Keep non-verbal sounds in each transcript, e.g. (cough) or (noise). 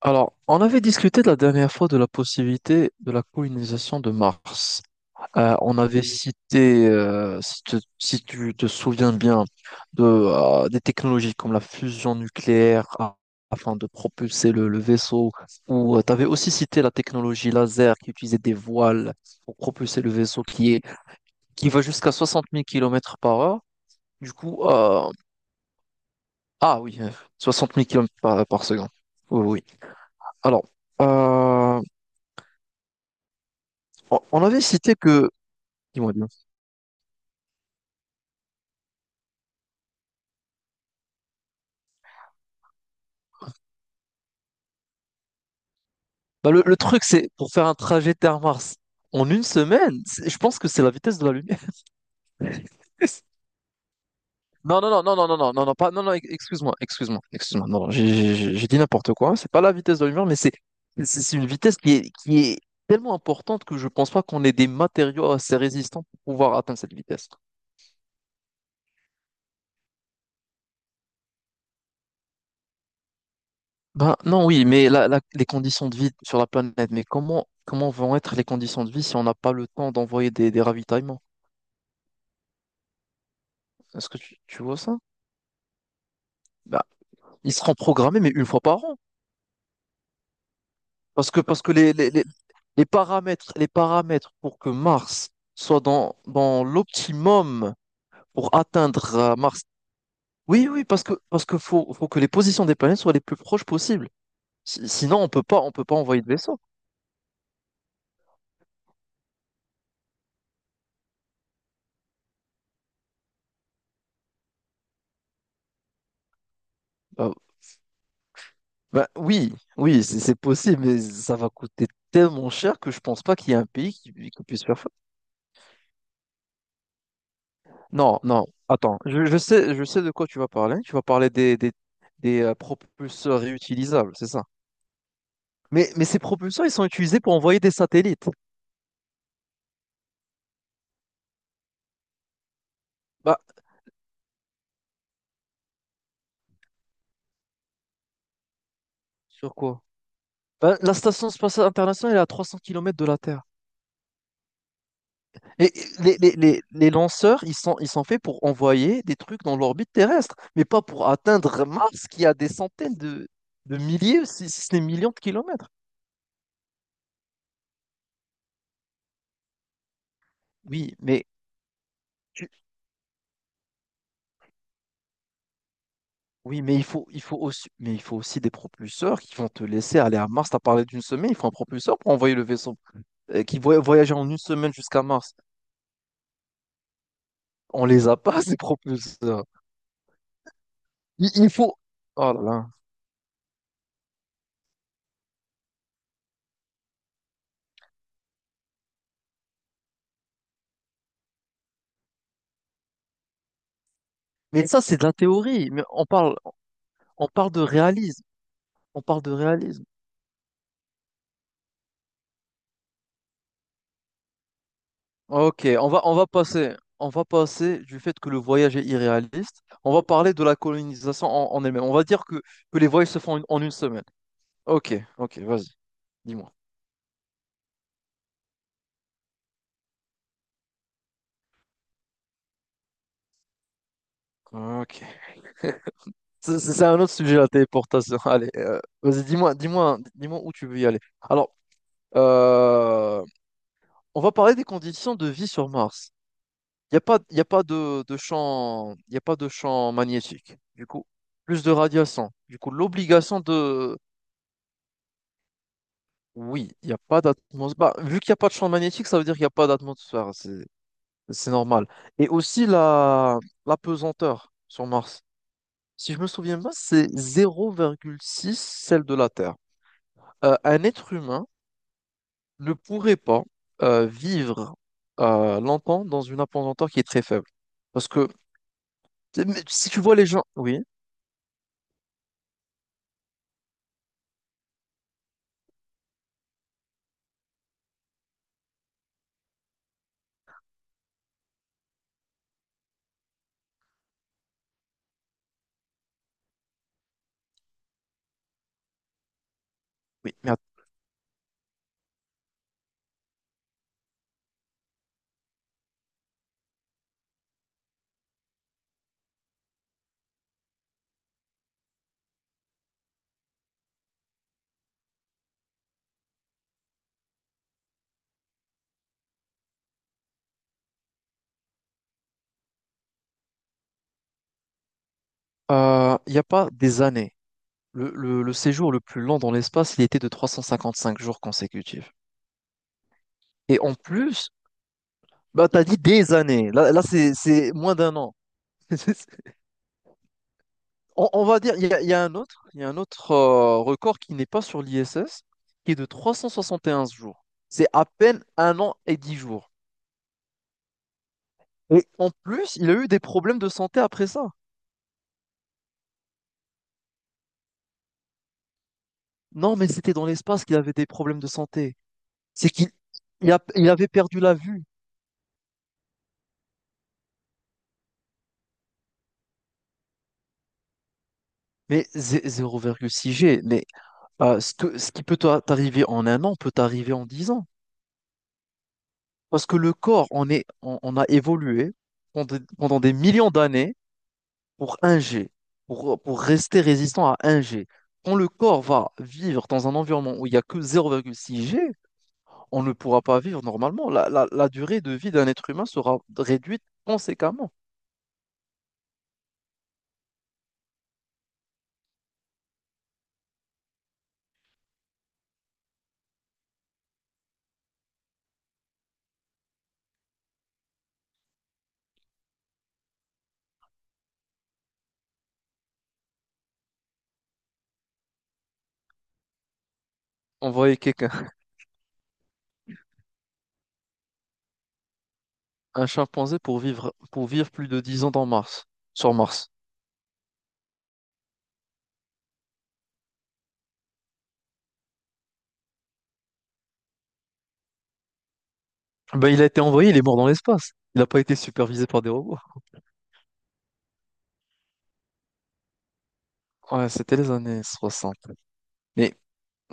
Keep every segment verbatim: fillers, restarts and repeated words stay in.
Alors, on avait discuté de la dernière fois de la possibilité de la colonisation de Mars. Euh, on avait cité, euh, si te- si tu te souviens bien, de, euh, des technologies comme la fusion nucléaire a- afin de propulser le, le vaisseau, ou tu avais aussi cité la technologie laser qui utilisait des voiles pour propulser le vaisseau qui est, qui va jusqu'à soixante mille km par heure. Du coup, euh, ah oui, euh, soixante mille km par, par seconde. Oui, oui. Alors, euh, On on avait cité que, dis-moi bien. Bah, le, le truc, c'est pour faire un trajet Terre-Mars en une semaine, c'est- je pense que c'est la vitesse de la lumière. (laughs) Non, non, non, non, non, non, non, non, non, pas, non, non, ex- excuse-moi, excuse-moi, excuse-moi. Non, non, j'ai j'ai- j'ai- j'ai dit n'importe quoi. C'est pas la vitesse de la lumière, mais c'est c'est c'est une vitesse qui est, qui est tellement importante que je pense pas qu'on ait des matériaux assez résistants pour pouvoir atteindre cette vitesse. Ben non, oui, mais la- la- les conditions de vie sur la planète, mais comment, comment vont être les conditions de vie si on n'a pas le temps d'envoyer des, des ravitaillements? Est-ce que tu, tu vois ça? Bah, il sera programmé, mais une fois par an. Parce que, parce que les, les, les- les paramètres, les paramètres pour que Mars soit dans, dans l'optimum pour atteindre euh, Mars. Oui, oui, parce que, parce que faut, faut que les positions des planètes soient les plus proches possibles. Si- Sinon, on peut pas, on peut pas envoyer de vaisseau. Euh, Bah oui, oui, c'est c'est possible, mais ça va coûter tellement cher que je pense pas qu'il y ait un pays qui, qui puisse faire ça. Non, non, attends, je, je sais, je sais de quoi tu vas parler. Tu vas parler des, des, des euh, propulseurs réutilisables, c'est ça? Mais, mais ces propulseurs, ils sont utilisés pour envoyer des satellites. Bah, sur quoi? Bah, la station spatiale internationale elle est à trois cents kilomètres de la Terre. Et et les, les, les, les lanceurs, ils sont, ils sont faits pour envoyer des trucs dans l'orbite terrestre, mais pas pour atteindre Mars qui a des centaines de, de milliers, si, si ce n'est millions de kilomètres. Oui, mais, tu- oui, mais, il faut, il faut aussi, mais il faut aussi des propulseurs qui vont te laisser aller à Mars. T'as parlé d'une semaine, il faut un propulseur pour envoyer le vaisseau euh, qui voy- voyager en une semaine jusqu'à Mars. On les a pas, (laughs) ces propulseurs. Il, il faut. Oh là là. Mais ça, c'est de la théorie. Mais on parle, on parle de réalisme. On parle de réalisme. Ok, on va, on va passer, on va passer du fait que le voyage est irréaliste. On va parler de la colonisation en, en elle-même. On va dire que, que les voyages se font en une semaine. Ok, ok, vas-y, dis-moi. Ok. C'est c'est- c'est un autre sujet, la téléportation. (laughs) Allez, euh, vas-y, dis-moi, dis-moi, dis-moi où tu veux y aller. Alors, euh, on va parler des conditions de vie sur Mars. Il n'y a pas, y a pas de, de champ, Il y a pas de champ magnétique. Du coup, plus de radiation. Du coup, l'obligation de. Oui, il n'y a pas d'atmosphère. Bah, vu qu'il n'y a pas de champ magnétique, ça veut dire qu'il n'y a pas d'atmosphère. C'est, c'est normal. Et aussi la, la pesanteur sur Mars. Si je me souviens bien, c'est zéro virgule six celle de la Terre. Euh, un être humain ne pourrait pas euh, vivre euh, longtemps dans une pesanteur qui est très faible. Parce que. T'es- mais Si tu vois les gens, oui. Oui, mais att- euh, il n'y a pas des années. Le, le- le séjour le plus long dans l'espace, il était de trois cent cinquante-cinq jours consécutifs. Et en plus, bah, tu as dit des années. Là, là c'est, c'est moins d'un an. (laughs) On, on va dire, il y a, il y a un autre, il y a un autre euh, record qui n'est pas sur l'I S S, qui est de trois cent soixante et onze jours. C'est à peine un an et dix jours. Et en plus, il a eu des problèmes de santé après ça. Non, mais c'était dans l'espace qu'il avait des problèmes de santé. C'est qu'il il a- il avait perdu la vue. Mais zé- zéro virgule six G, mais euh, ce que, ce qui peut t'a- t'arriver en un an peut t'arriver en dix ans. Parce que le corps, on est, on, on a évolué pendant, pendant des millions d'années pour un G, pour, pour rester résistant à un G. Quand le corps va vivre dans un environnement où il n'y a que zéro virgule six G, on ne pourra pas vivre normalement. La, la- la durée de vie d'un être humain sera réduite conséquemment. Envoyer quelqu'un, (laughs) un chimpanzé pour vivre, pour vivre plus de dix ans dans Mars, sur Mars. Ben, il a été envoyé, il est mort dans l'espace. Il n'a pas été supervisé par des robots. Ouais, c'était les années soixante. Mais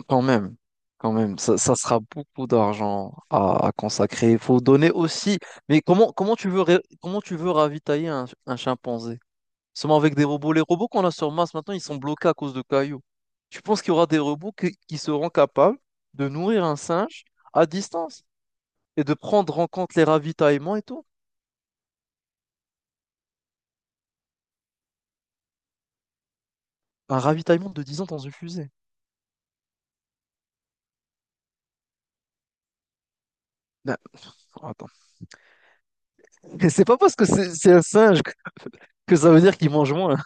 quand même, quand même, ça, ça sera beaucoup d'argent à, à consacrer. Il faut donner aussi. Mais comment, comment tu veux, ré- comment tu veux ravitailler un, un chimpanzé? Seulement avec des robots, les robots qu'on a sur Mars maintenant, ils sont bloqués à cause de cailloux. Tu penses qu'il y aura des robots qui, qui seront capables de nourrir un singe à distance et de prendre en compte les ravitaillements et tout? Un ravitaillement de 10 ans dans une fusée. Non, attends. Mais c'est pas parce que c'est c'est un singe que, que ça veut dire qu'il mange moins.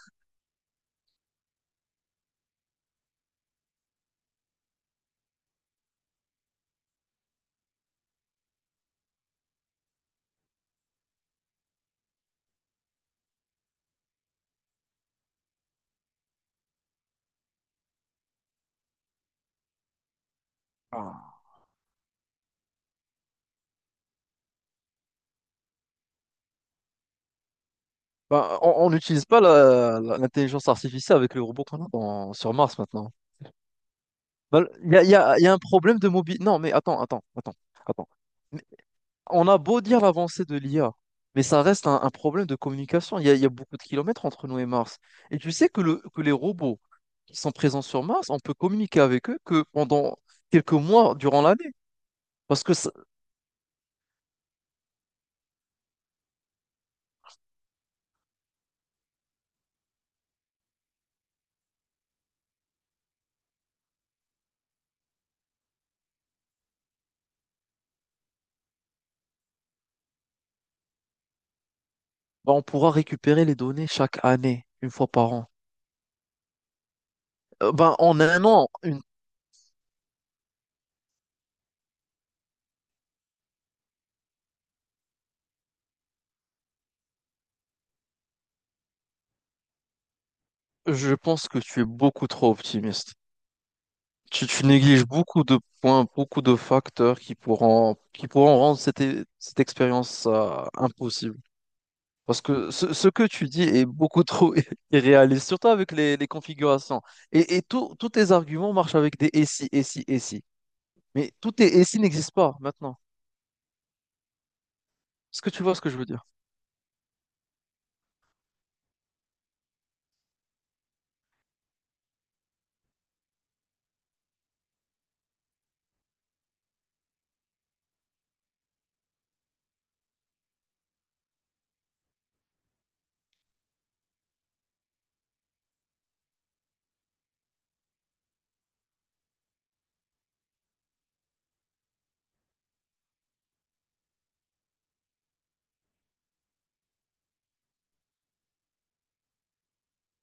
Ah. Bah, on on n'utilise pas la- la- l'intelligence artificielle avec le robot qu'on a dans- sur Mars maintenant. Bah, Il y a, il y a- il y a un problème de mobilité. Non, mais attends, attends, attends, attends. On a beau dire l'avancée de l'I A, mais ça reste un, un problème de communication. Il y a, il y a beaucoup de kilomètres entre nous et Mars. Et tu sais que, le- que les robots qui sont présents sur Mars, on peut communiquer avec eux que pendant quelques mois durant l'année, parce que ça- bah, on pourra récupérer les données chaque année, une fois par an. Euh, ben, en un an, une- je pense que tu es beaucoup trop optimiste. Tu, tu négliges beaucoup de points, beaucoup de facteurs qui pourront, qui pourront rendre cette, é- cette expérience, euh, impossible. Parce que ce, ce que tu dis est beaucoup trop (laughs) irréaliste, surtout avec les, les configurations. Et, et tout- tous tes arguments marchent avec des et si, et si, et si. Mais tout tes et si n'existe pas maintenant. Est-ce que tu vois ce que je veux dire?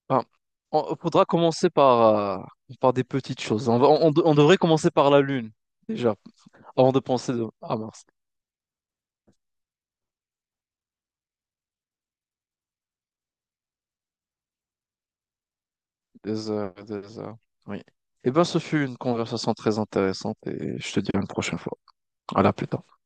Enfin, on, faudra commencer par, euh, par des petites choses. On, va- on, on de- on devrait commencer par la Lune, déjà, avant de penser de- à Mars. Des heures, des heures. Oui. Eh bien, ce fut une conversation très intéressante et je te dis à une prochaine fois. À la plus tard.